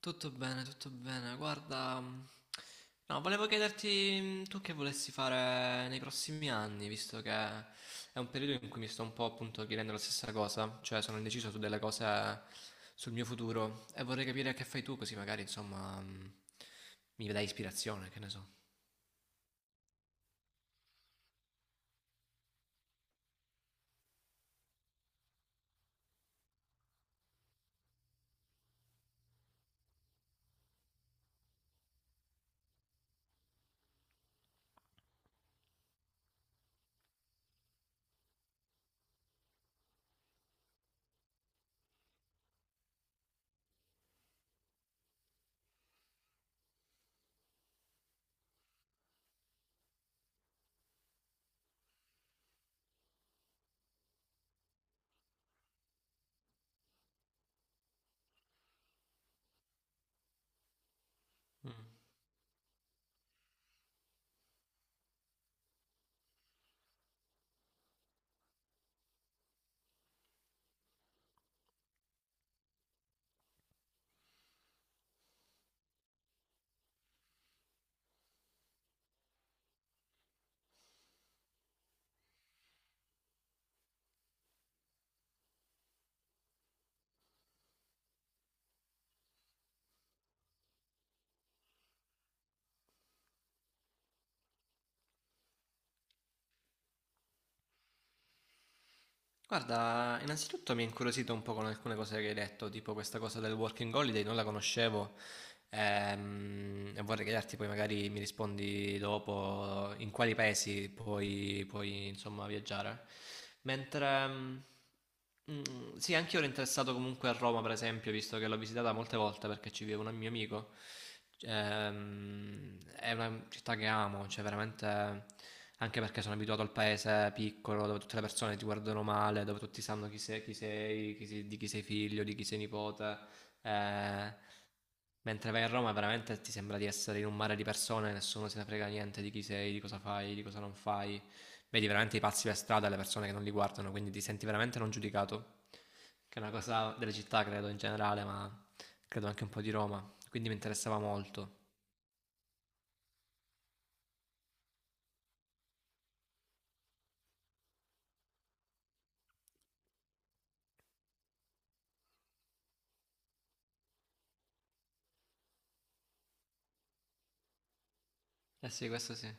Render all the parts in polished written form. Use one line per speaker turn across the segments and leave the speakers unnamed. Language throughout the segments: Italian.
Tutto bene, tutto bene. Guarda, no, volevo chiederti tu che volessi fare nei prossimi anni, visto che è un periodo in cui mi sto un po' appunto chiedendo la stessa cosa, cioè sono indeciso su delle cose sul mio futuro e vorrei capire che fai tu, così magari insomma mi dai ispirazione, che ne so. Mm. Guarda, innanzitutto mi ha incuriosito un po' con alcune cose che hai detto, tipo questa cosa del working holiday, non la conoscevo. Vorrei chiederti poi magari mi rispondi dopo in quali paesi puoi, insomma viaggiare. Mentre, sì, anche io ero interessato comunque a Roma, per esempio, visto che l'ho visitata molte volte perché ci vive un mio amico. È una città che amo, cioè veramente anche perché sono abituato al paese piccolo dove tutte le persone ti guardano male, dove tutti sanno chi sei, di chi sei figlio, di chi sei nipote. Eh, mentre vai a Roma veramente ti sembra di essere in un mare di persone, nessuno se ne frega niente di chi sei, di cosa fai, di cosa non fai. Vedi veramente i pazzi per strada, le persone che non li guardano, quindi ti senti veramente non giudicato. Che è una cosa delle città, credo in generale, ma credo anche un po' di Roma. Quindi mi interessava molto. Eh sì, questo sì.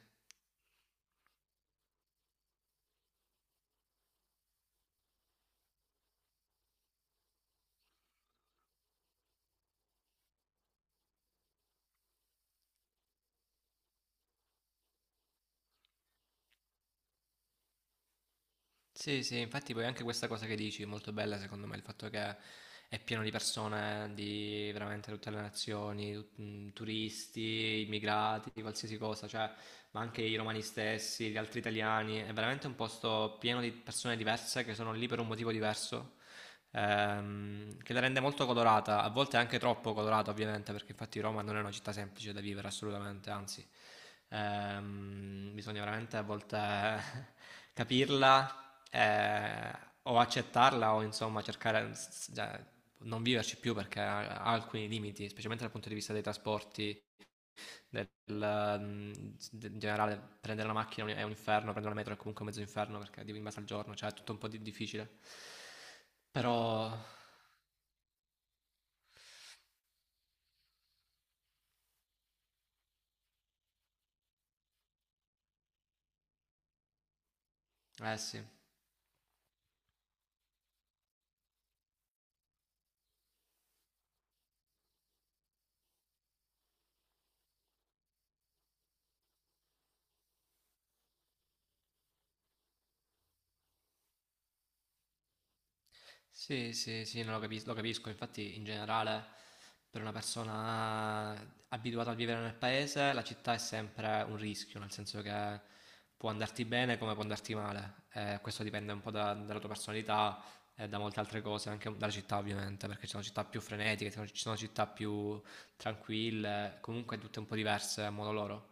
Sì, sì, infatti poi anche questa cosa che dici è molto bella secondo me, il fatto che è pieno di persone di veramente tutte le nazioni, turisti, immigrati, qualsiasi cosa, cioè, ma anche i romani stessi, gli altri italiani, è veramente un posto pieno di persone diverse che sono lì per un motivo diverso, che la rende molto colorata, a volte anche troppo colorata ovviamente, perché infatti Roma non è una città semplice da vivere assolutamente, anzi, bisogna veramente a volte... capirla eh, o accettarla o insomma cercare cioè, non viverci più perché ha alcuni limiti, specialmente dal punto di vista dei trasporti, del, mm, in generale prendere la macchina è un inferno, prendere la metro è comunque mezzo inferno perché devi in base al giorno, cioè è tutto un po' difficile. Però, eh sì. Sì, sì, sì, no, lo capisco. Infatti, in generale, per una persona abituata a vivere nel paese, la città è sempre un rischio, nel senso che può andarti bene come può andarti male. Questo dipende un po' dalla tua personalità e da molte altre cose, anche dalla città, ovviamente, perché ci sono città più frenetiche, ci sono città più tranquille, comunque tutte un po' diverse a modo loro.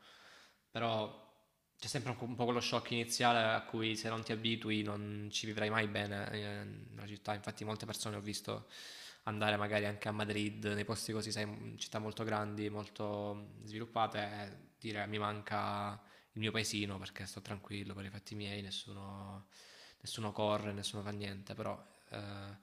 Però c'è sempre un po' quello shock iniziale a cui se non ti abitui non ci vivrai mai bene, nella città. Infatti molte persone ho visto andare magari anche a Madrid, nei posti così, sai, città molto grandi, molto sviluppate, e dire mi manca il mio paesino perché sto tranquillo per i fatti miei, nessuno, corre, nessuno fa niente, però eh,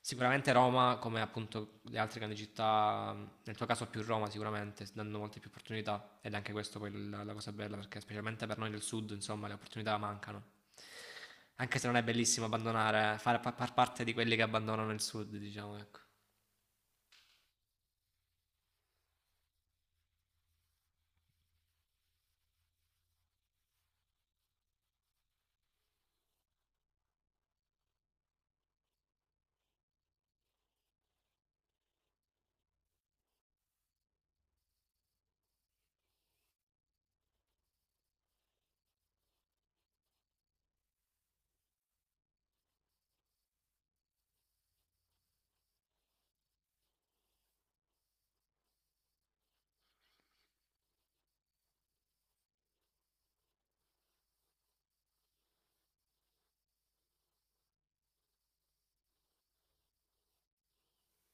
sicuramente Roma, come appunto le altre grandi città, nel tuo caso più Roma sicuramente, danno molte più opportunità ed è anche questo poi la cosa bella perché specialmente per noi del sud insomma le opportunità mancano, anche se non è bellissimo abbandonare, far parte di quelli che abbandonano il sud diciamo ecco.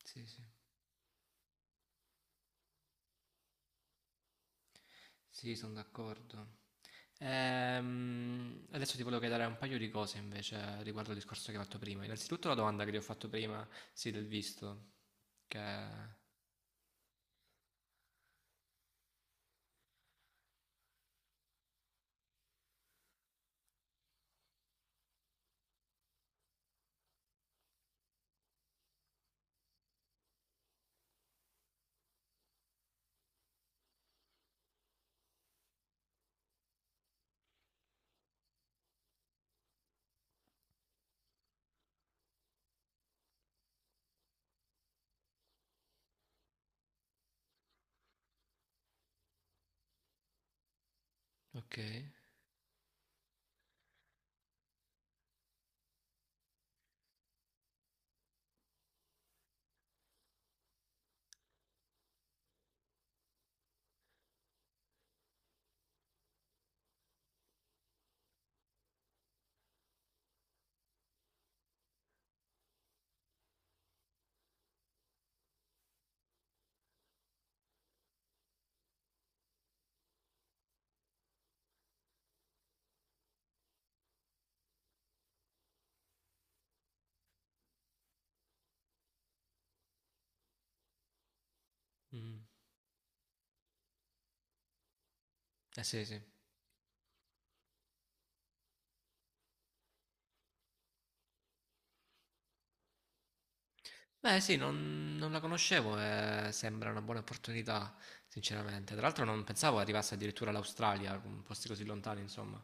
Sì, sì, sì, sono d'accordo. Adesso ti volevo chiedere un paio di cose invece riguardo al discorso che hai fatto prima. Innanzitutto la domanda che ti ho fatto prima, sì, del visto, che... Ok. Mm. Eh sì, sì. Beh, sì, non la conoscevo e sembra una buona opportunità, sinceramente. Tra l'altro non pensavo arrivasse addirittura all'Australia, con posti così lontani, insomma.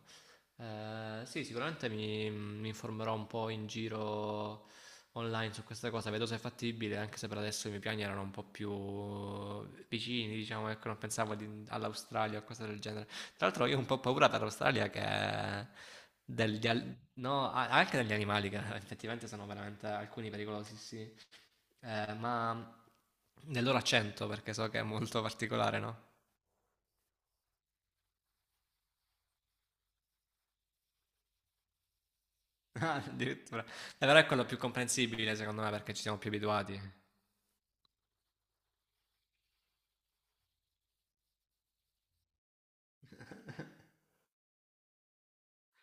Sì, sicuramente mi informerò un po' in giro online su questa cosa, vedo se è fattibile, anche se per adesso i miei piani erano un po' più vicini, diciamo, ecco, non pensavo all'Australia o cose del genere. Tra l'altro io ho un po' paura dall'Australia che... No, anche degli animali che effettivamente sono veramente alcuni pericolosi, sì. Ma nell'ora 100 perché so che è molto particolare, no? Ah, addirittura. Però è quello più comprensibile secondo me perché ci siamo più abituati.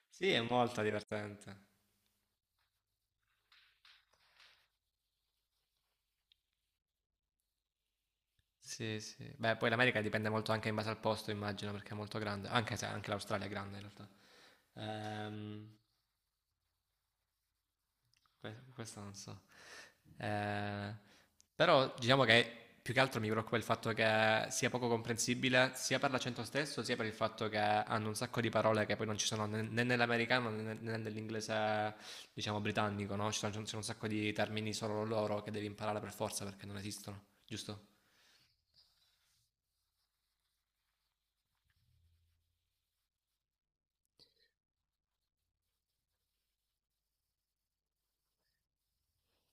Sì, è molto divertente. Sì, sì. Beh, poi l'America dipende molto anche in base al posto, immagino, perché è molto grande, anche se anche l'Australia è grande in realtà. Ehm, Questo non so. Eh, Però diciamo che più che altro mi preoccupa il fatto che sia poco comprensibile sia per l'accento stesso, sia per il fatto che hanno un sacco di parole che poi non ci sono né nell'americano né nell'inglese, diciamo, britannico, no? Ci sono un sacco di termini solo loro che devi imparare per forza perché non esistono, giusto?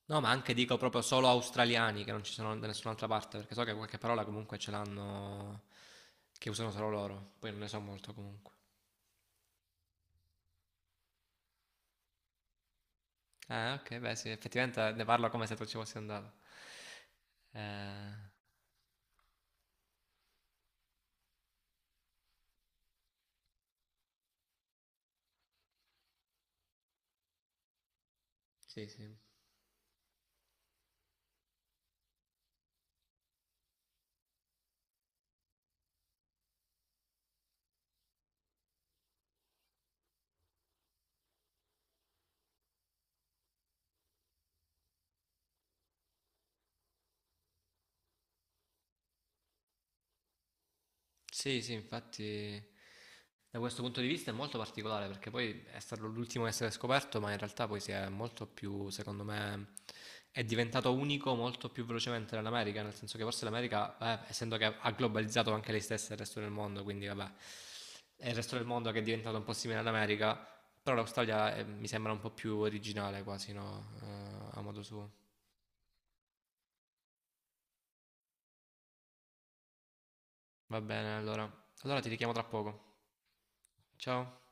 No, ma anche dico proprio solo australiani che non ci sono da nessun'altra parte, perché so che qualche parola comunque ce l'hanno che usano solo loro, poi non ne so molto comunque. Ah, ok, beh, sì, effettivamente ne parlo come se tu ci fossi andato. Eh, sì, sì. Sì, sì, infatti da questo punto di vista è molto particolare perché poi è stato l'ultimo a essere scoperto, ma in realtà poi si è molto più, secondo me, è diventato unico molto più velocemente dell'America, nel senso che forse l'America, essendo che ha globalizzato anche lei stessa e il resto del mondo, quindi vabbè, è il resto del mondo che è diventato un po' simile all'America, però l'Australia, mi sembra un po' più originale quasi, no? A modo suo. Va bene, allora. Allora ti richiamo tra poco. Ciao.